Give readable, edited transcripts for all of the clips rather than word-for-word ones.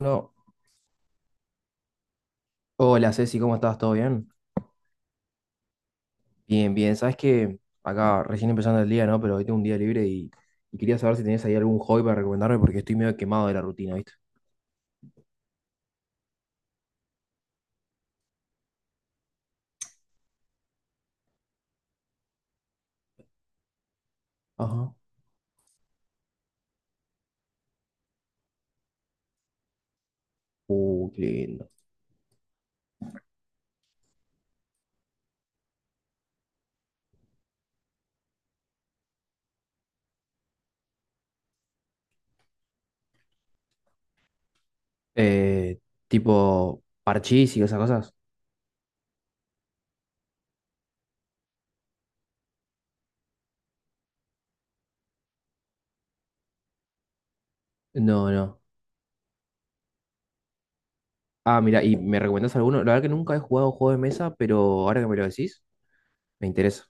No. Hola Ceci, ¿cómo estás? ¿Todo bien? Bien, bien. Sabes que acá recién empezando el día, ¿no? Pero hoy tengo un día libre y quería saber si tenías ahí algún hobby para recomendarme porque estoy medio quemado de la rutina, ¿viste? Ajá. Qué lindo. Eh, Tipo parchís y esas cosas. No, no. Ah, mira, ¿y me recomendás alguno? La verdad que nunca he jugado juego de mesa, pero ahora que me lo decís, me interesa.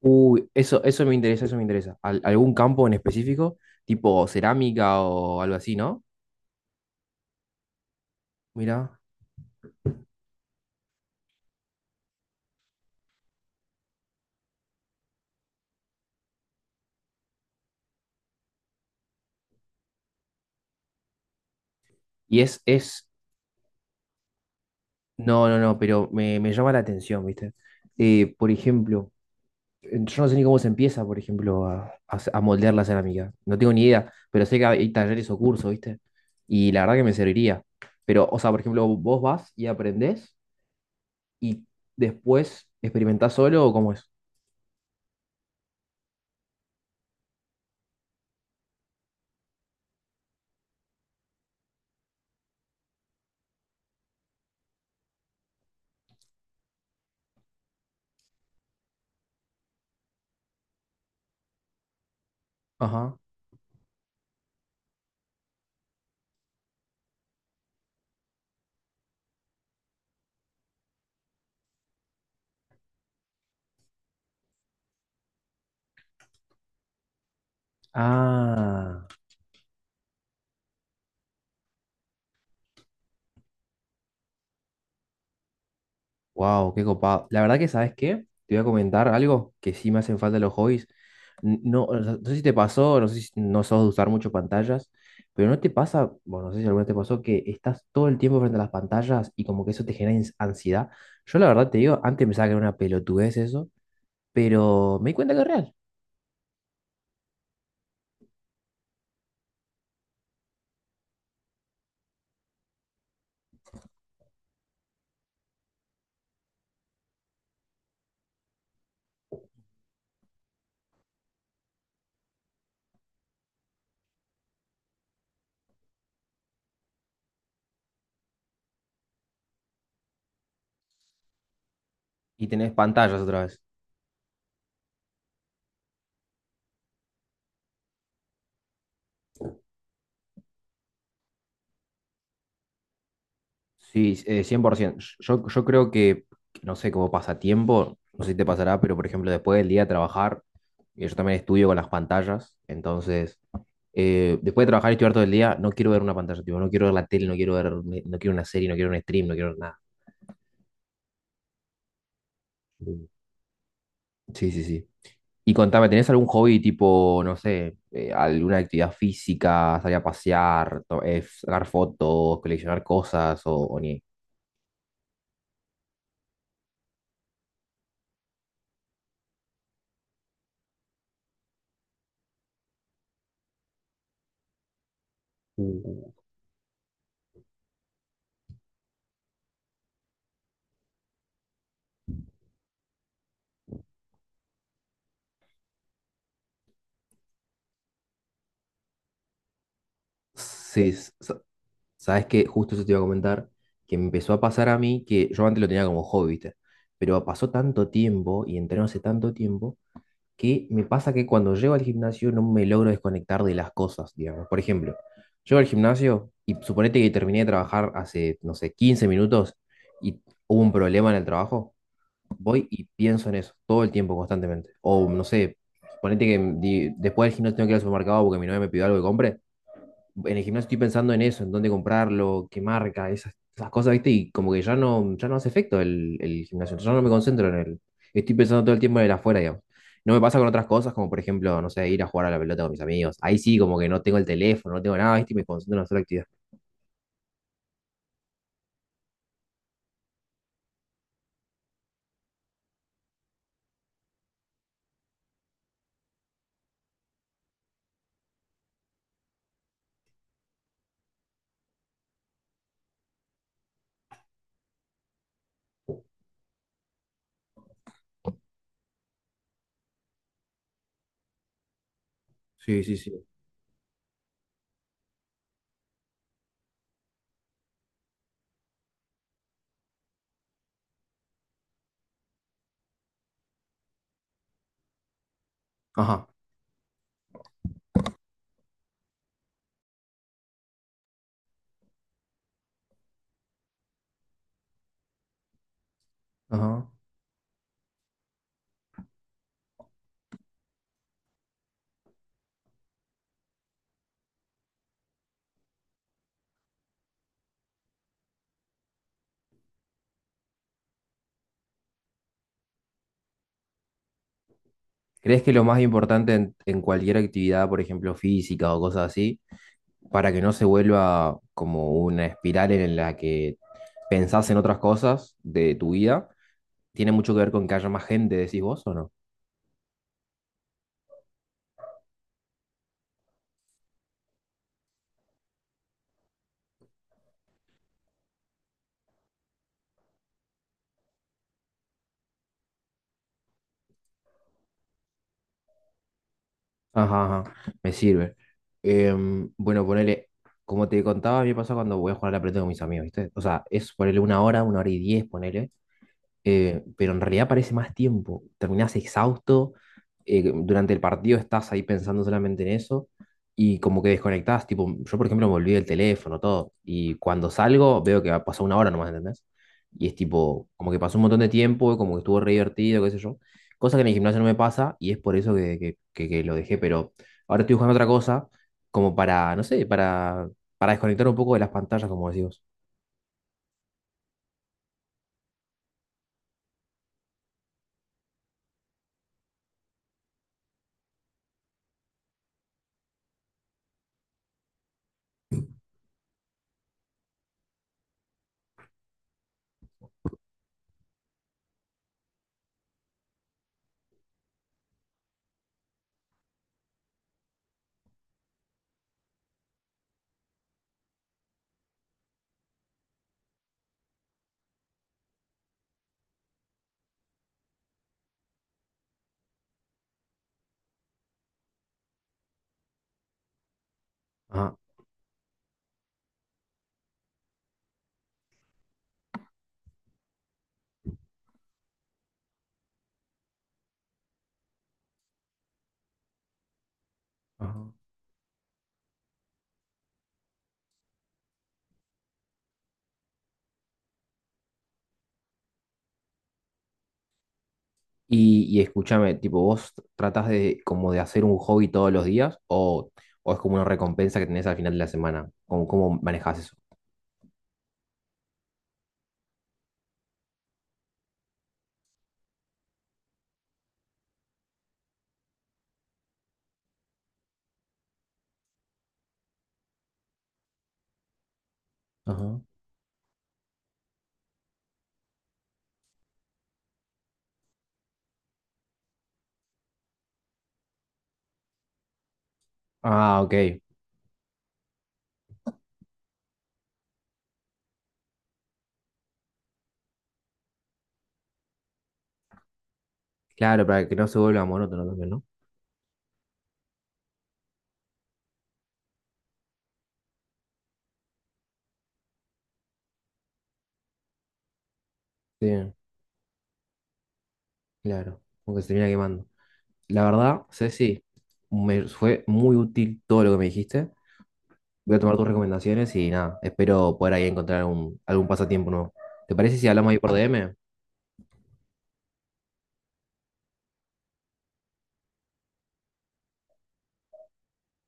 Uy, eso me interesa, eso me interesa. ¿Algún campo en específico? Tipo cerámica o algo así, ¿no? Mira. Y es, no, no, no, pero me llama la atención, ¿viste? Por ejemplo, yo no sé ni cómo se empieza, por ejemplo, a moldear la cerámica. No tengo ni idea, pero sé que hay talleres o cursos, ¿viste? Y la verdad que me serviría. Pero, o sea, por ejemplo, vos vas y aprendés y después experimentás solo o cómo es. Ajá. Ah, wow, qué copado. La verdad que, ¿sabes qué? Te voy a comentar algo que sí me hacen falta los hobbies. No, o sea, no sé si te pasó, no sé si no sos de usar mucho pantallas, pero no te pasa, bueno, no sé si alguna vez te pasó que estás todo el tiempo frente a las pantallas y como que eso te genera ansiedad. Yo la verdad te digo, antes pensaba que era una pelotudez eso, pero me di cuenta que es real. Y tenés pantallas otra vez. Sí, 100%. Yo creo que, no sé, como pasatiempo, no sé si te pasará, pero por ejemplo, después del día de trabajar, yo también estudio con las pantallas, entonces después de trabajar y estudiar todo el día, no quiero ver una pantalla, tipo, no quiero ver la tele, no quiero ver, no quiero una serie, no quiero un stream, no quiero nada. Mm. Sí, sí, sí. Y contame, ¿tenés algún hobby tipo, no sé, alguna actividad física, salir a pasear, sacar fotos, coleccionar cosas o ni? Mm. Sí, sabes que justo eso te iba a comentar, que me empezó a pasar a mí, que yo antes lo tenía como hobby, ¿viste? Pero pasó tanto tiempo y entrené hace tanto tiempo que me pasa que cuando llego al gimnasio no me logro desconectar de las cosas, digamos. Por ejemplo, llego al gimnasio y suponete que terminé de trabajar hace, no sé, 15 minutos y hubo un problema en el trabajo, voy y pienso en eso todo el tiempo, constantemente. O no sé, suponete que después del gimnasio tengo que ir al supermercado porque mi novia me pidió algo que compre, en el gimnasio estoy pensando en eso, en dónde comprarlo, qué marca, esas cosas, ¿viste? Y como que ya no hace efecto el gimnasio, ya no me concentro en él. Estoy pensando todo el tiempo en el afuera, digamos. No me pasa con otras cosas, como por ejemplo, no sé, ir a jugar a la pelota con mis amigos. Ahí sí, como que no tengo el teléfono, no tengo nada, ¿viste? Y me concentro en hacer la actividad. Sí, sí, sí. Ajá, ajá. ¿Crees que lo más importante en cualquier actividad, por ejemplo, física o cosas así, para que no se vuelva como una espiral en la que pensás en otras cosas de tu vida, tiene mucho que ver con que haya más gente, decís vos o no? Ajá, ajá, me sirve. Bueno, ponele, como te contaba, a mí me pasa cuando voy a jugar a la pelota con mis amigos, ¿viste? O sea, es ponele una hora y 10, ponele. Pero en realidad parece más tiempo. Terminás exhausto, durante el partido estás ahí pensando solamente en eso y como que desconectás, tipo, yo por ejemplo me olvidé el teléfono, todo, y cuando salgo veo que ha pasado una hora nomás, ¿entendés? Y es tipo, como que pasó un montón de tiempo, como que estuvo re divertido, qué sé yo, cosa que en el gimnasio no me pasa y es por eso que lo dejé, pero ahora estoy buscando otra cosa como para, no sé, para desconectar un poco de las pantallas, como decís vos. Ajá, ajá. Y escúchame, tipo, ¿vos tratás de como de hacer un hobby todos los días o es como una recompensa que tenés al final de la semana? ¿Cómo manejás eso? Ajá. Ah, ok. Claro, para que no se vuelva monótono también, ¿no? Sí, claro. Porque se termina quemando. La verdad, Ceci, me fue muy útil todo lo que me dijiste. Voy a tomar tus recomendaciones y nada, espero poder ahí encontrar algún pasatiempo nuevo. ¿Te parece si hablamos ahí por DM?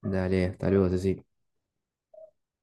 Dale, hasta luego, Ceci.